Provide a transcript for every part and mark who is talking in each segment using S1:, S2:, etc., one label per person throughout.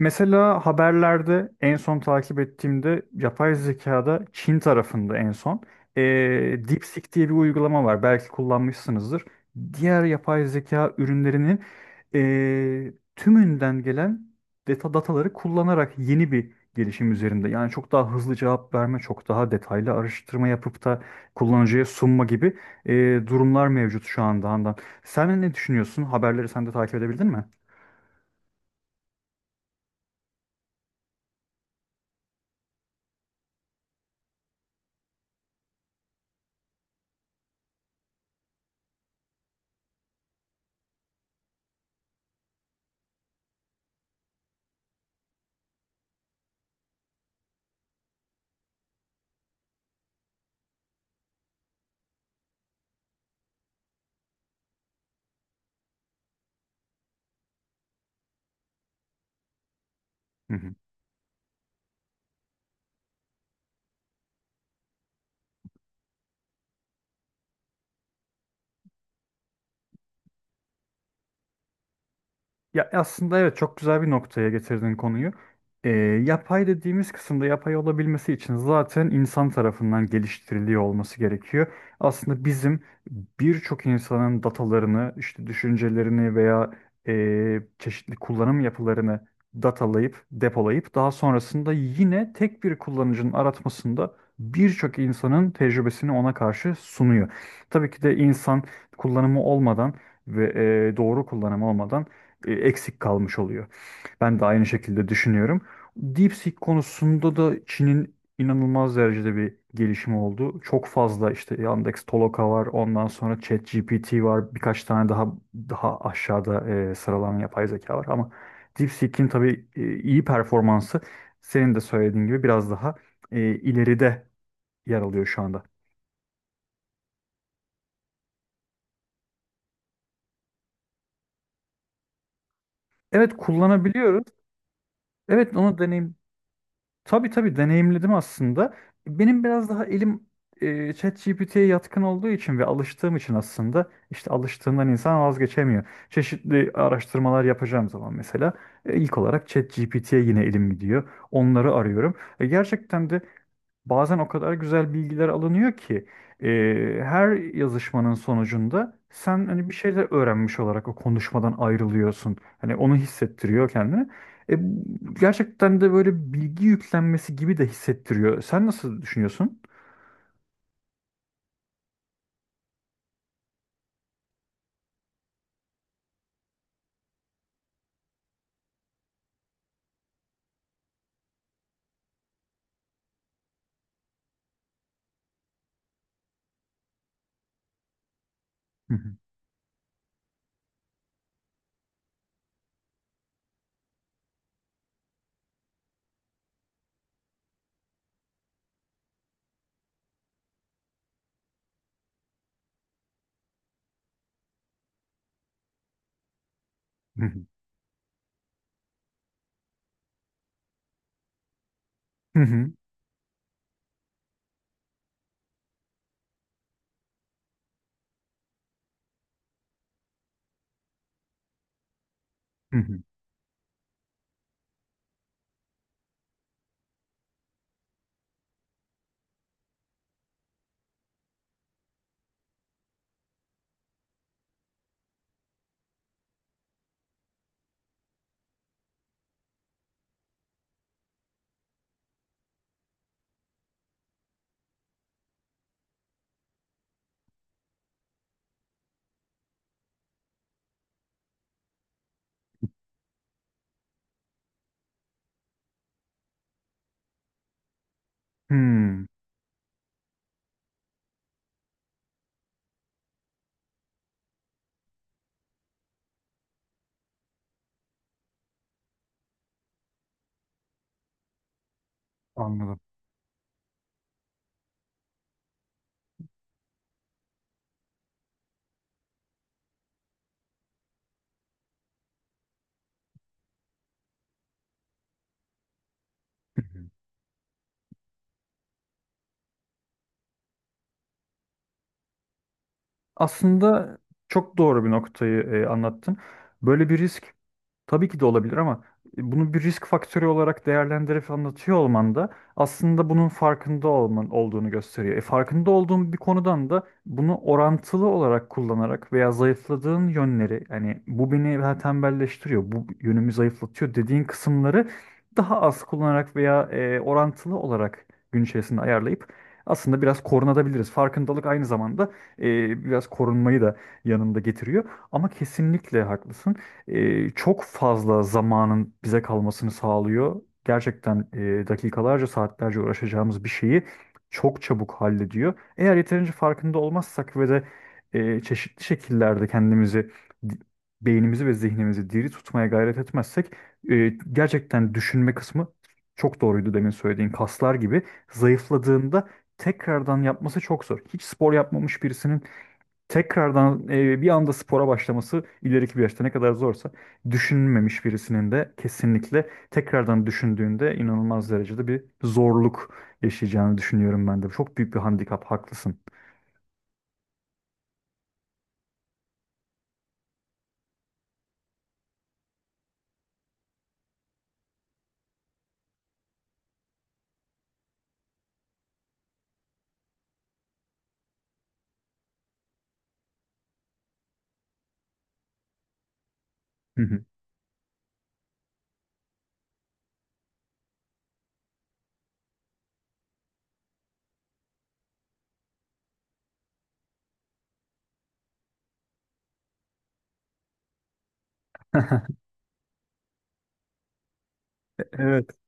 S1: Mesela haberlerde en son takip ettiğimde yapay zekada Çin tarafında en son DeepSeek diye bir uygulama var. Belki kullanmışsınızdır. Diğer yapay zeka ürünlerinin tümünden gelen dataları kullanarak yeni bir gelişim üzerinde. Yani çok daha hızlı cevap verme, çok daha detaylı araştırma yapıp da kullanıcıya sunma gibi durumlar mevcut şu anda Handan. Sen ne düşünüyorsun? Haberleri sen de takip edebildin mi? Ya aslında evet, çok güzel bir noktaya getirdin konuyu. Ee, Yapay dediğimiz kısımda yapay olabilmesi için zaten insan tarafından geliştiriliyor olması gerekiyor. Aslında bizim birçok insanın datalarını, işte düşüncelerini veya çeşitli kullanım yapılarını datalayıp, depolayıp daha sonrasında yine tek bir kullanıcının aratmasında birçok insanın tecrübesini ona karşı sunuyor. Tabii ki de insan kullanımı olmadan ve doğru kullanımı olmadan eksik kalmış oluyor. Ben de aynı şekilde düşünüyorum. DeepSeek konusunda da Çin'in inanılmaz derecede bir gelişimi oldu. Çok fazla işte Yandex Toloka var, ondan sonra ChatGPT var, birkaç tane daha aşağıda sıralanan yapay zeka var ama DeepSeek'in tabii iyi performansı senin de söylediğin gibi biraz daha ileride yer alıyor şu anda. Evet, kullanabiliyoruz. Evet, onu deneyim. Tabii tabii, deneyimledim aslında. Benim biraz daha elim ChatGPT'ye yatkın olduğu için ve alıştığım için aslında işte alıştığından insan vazgeçemiyor. Çeşitli araştırmalar yapacağım zaman mesela ilk olarak ChatGPT'ye yine elim gidiyor. Onları arıyorum. E, gerçekten de Bazen o kadar güzel bilgiler alınıyor ki e, her yazışmanın sonucunda sen hani bir şeyler öğrenmiş olarak o konuşmadan ayrılıyorsun. Hani onu hissettiriyor kendini. E, Gerçekten de böyle bilgi yüklenmesi gibi de hissettiriyor. Sen nasıl düşünüyorsun? Hı hı, hı hı, hı hı, hı hı. Hmm. Anladım. Aslında çok doğru bir noktayı anlattın. Böyle bir risk tabii ki de olabilir ama bunu bir risk faktörü olarak değerlendirip anlatıyor olman da aslında bunun farkında olman olduğunu gösteriyor. Farkında olduğun bir konudan da bunu orantılı olarak kullanarak veya zayıfladığın yönleri, yani bu beni daha tembelleştiriyor, bu yönümü zayıflatıyor dediğin kısımları daha az kullanarak veya orantılı olarak gün içerisinde ayarlayıp aslında biraz korunabiliriz. Farkındalık aynı zamanda biraz korunmayı da yanında getiriyor. Ama kesinlikle haklısın. Çok fazla zamanın bize kalmasını sağlıyor. Gerçekten dakikalarca, saatlerce uğraşacağımız bir şeyi çok çabuk hallediyor. Eğer yeterince farkında olmazsak ve de çeşitli şekillerde kendimizi, di- beynimizi ve zihnimizi diri tutmaya gayret etmezsek gerçekten düşünme kısmı, çok doğruydu demin söylediğin, kaslar gibi zayıfladığında tekrardan yapması çok zor. Hiç spor yapmamış birisinin tekrardan bir anda spora başlaması ileriki bir yaşta ne kadar zorsa, düşünmemiş birisinin de kesinlikle tekrardan düşündüğünde inanılmaz derecede bir zorluk yaşayacağını düşünüyorum ben de. Çok büyük bir handikap, haklısın. Hı hı. Evet.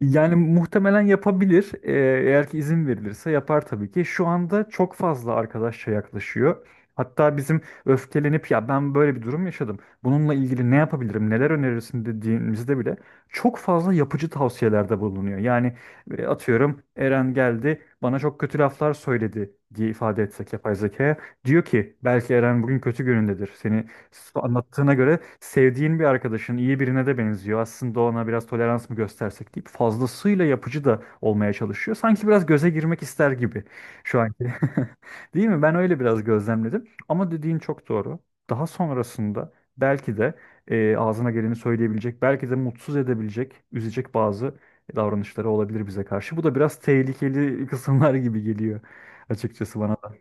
S1: Yani muhtemelen yapabilir. Eğer ki izin verilirse yapar tabii ki. Şu anda çok fazla arkadaşça yaklaşıyor. Hatta bizim öfkelenip ya ben böyle bir durum yaşadım, bununla ilgili ne yapabilirim, neler önerirsin dediğimizde bile çok fazla yapıcı tavsiyelerde bulunuyor. Yani atıyorum, Eren geldi bana çok kötü laflar söyledi diye ifade etsek yapay zekaya. Diyor ki belki Eren bugün kötü günündedir. Seni anlattığına göre sevdiğin bir arkadaşın, iyi birine de benziyor. Aslında ona biraz tolerans mı göstersek deyip fazlasıyla yapıcı da olmaya çalışıyor. Sanki biraz göze girmek ister gibi şu anki. Değil mi? Ben öyle biraz gözlemledim. Ama dediğin çok doğru. Daha sonrasında belki de ağzına geleni söyleyebilecek, belki de mutsuz edebilecek, üzecek bazı davranışları olabilir bize karşı. Bu da biraz tehlikeli kısımlar gibi geliyor açıkçası bana da.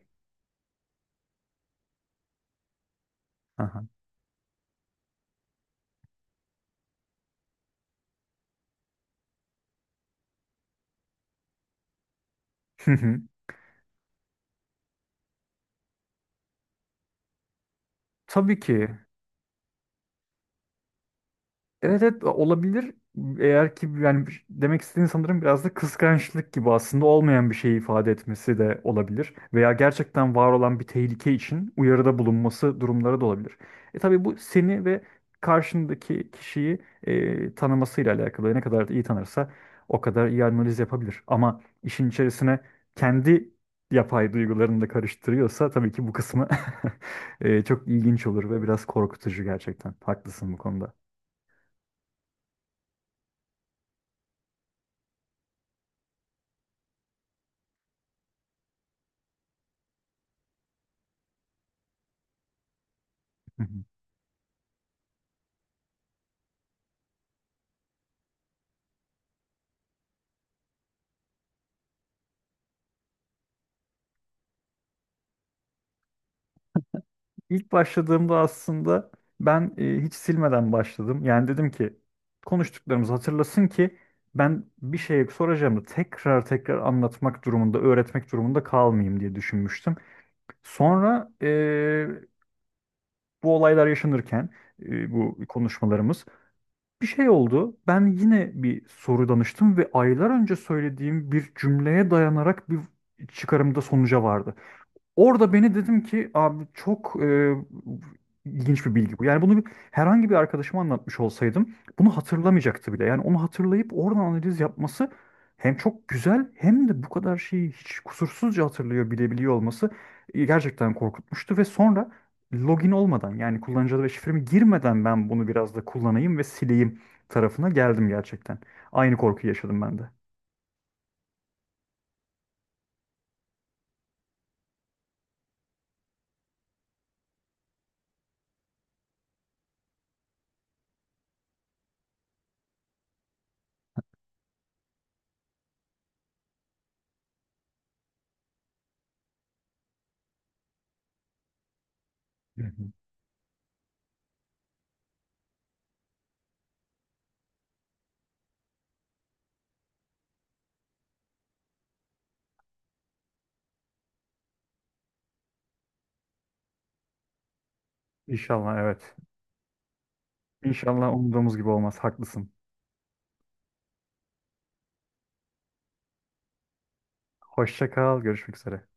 S1: Aha. Tabii ki. Evet evet, olabilir. Eğer ki, yani demek istediğin sanırım biraz da kıskançlık gibi aslında olmayan bir şeyi ifade etmesi de olabilir. Veya gerçekten var olan bir tehlike için uyarıda bulunması durumları da olabilir. E tabii bu seni ve karşındaki kişiyi tanımasıyla alakalı. Ne kadar iyi tanırsa o kadar iyi analiz yapabilir. Ama işin içerisine kendi yapay duygularını da karıştırıyorsa tabii ki bu kısmı çok ilginç olur ve biraz korkutucu gerçekten. Haklısın bu konuda. İlk başladığımda aslında ben hiç silmeden başladım. Yani dedim ki konuştuklarımızı hatırlasın ki ben bir şey soracağımı tekrar anlatmak durumunda, öğretmek durumunda kalmayayım diye düşünmüştüm. Sonra bu olaylar yaşanırken bu konuşmalarımız, bir şey oldu. Ben yine bir soru danıştım ve aylar önce söylediğim bir cümleye dayanarak bir çıkarımda sonuca vardı. Orada beni, dedim ki abi çok ilginç bir bilgi bu. Yani bunu bir, herhangi bir arkadaşıma anlatmış olsaydım bunu hatırlamayacaktı bile. Yani onu hatırlayıp oradan analiz yapması hem çok güzel, hem de bu kadar şeyi hiç kusursuzca hatırlıyor, bilebiliyor olması gerçekten korkutmuştu. Ve sonra login olmadan, yani kullanıcı adı ve şifremi girmeden ben bunu biraz da kullanayım ve sileyim tarafına geldim gerçekten. Aynı korkuyu yaşadım ben de. Hı hı. İnşallah evet. İnşallah umduğumuz gibi olmaz. Haklısın. Hoşça kal. Görüşmek üzere.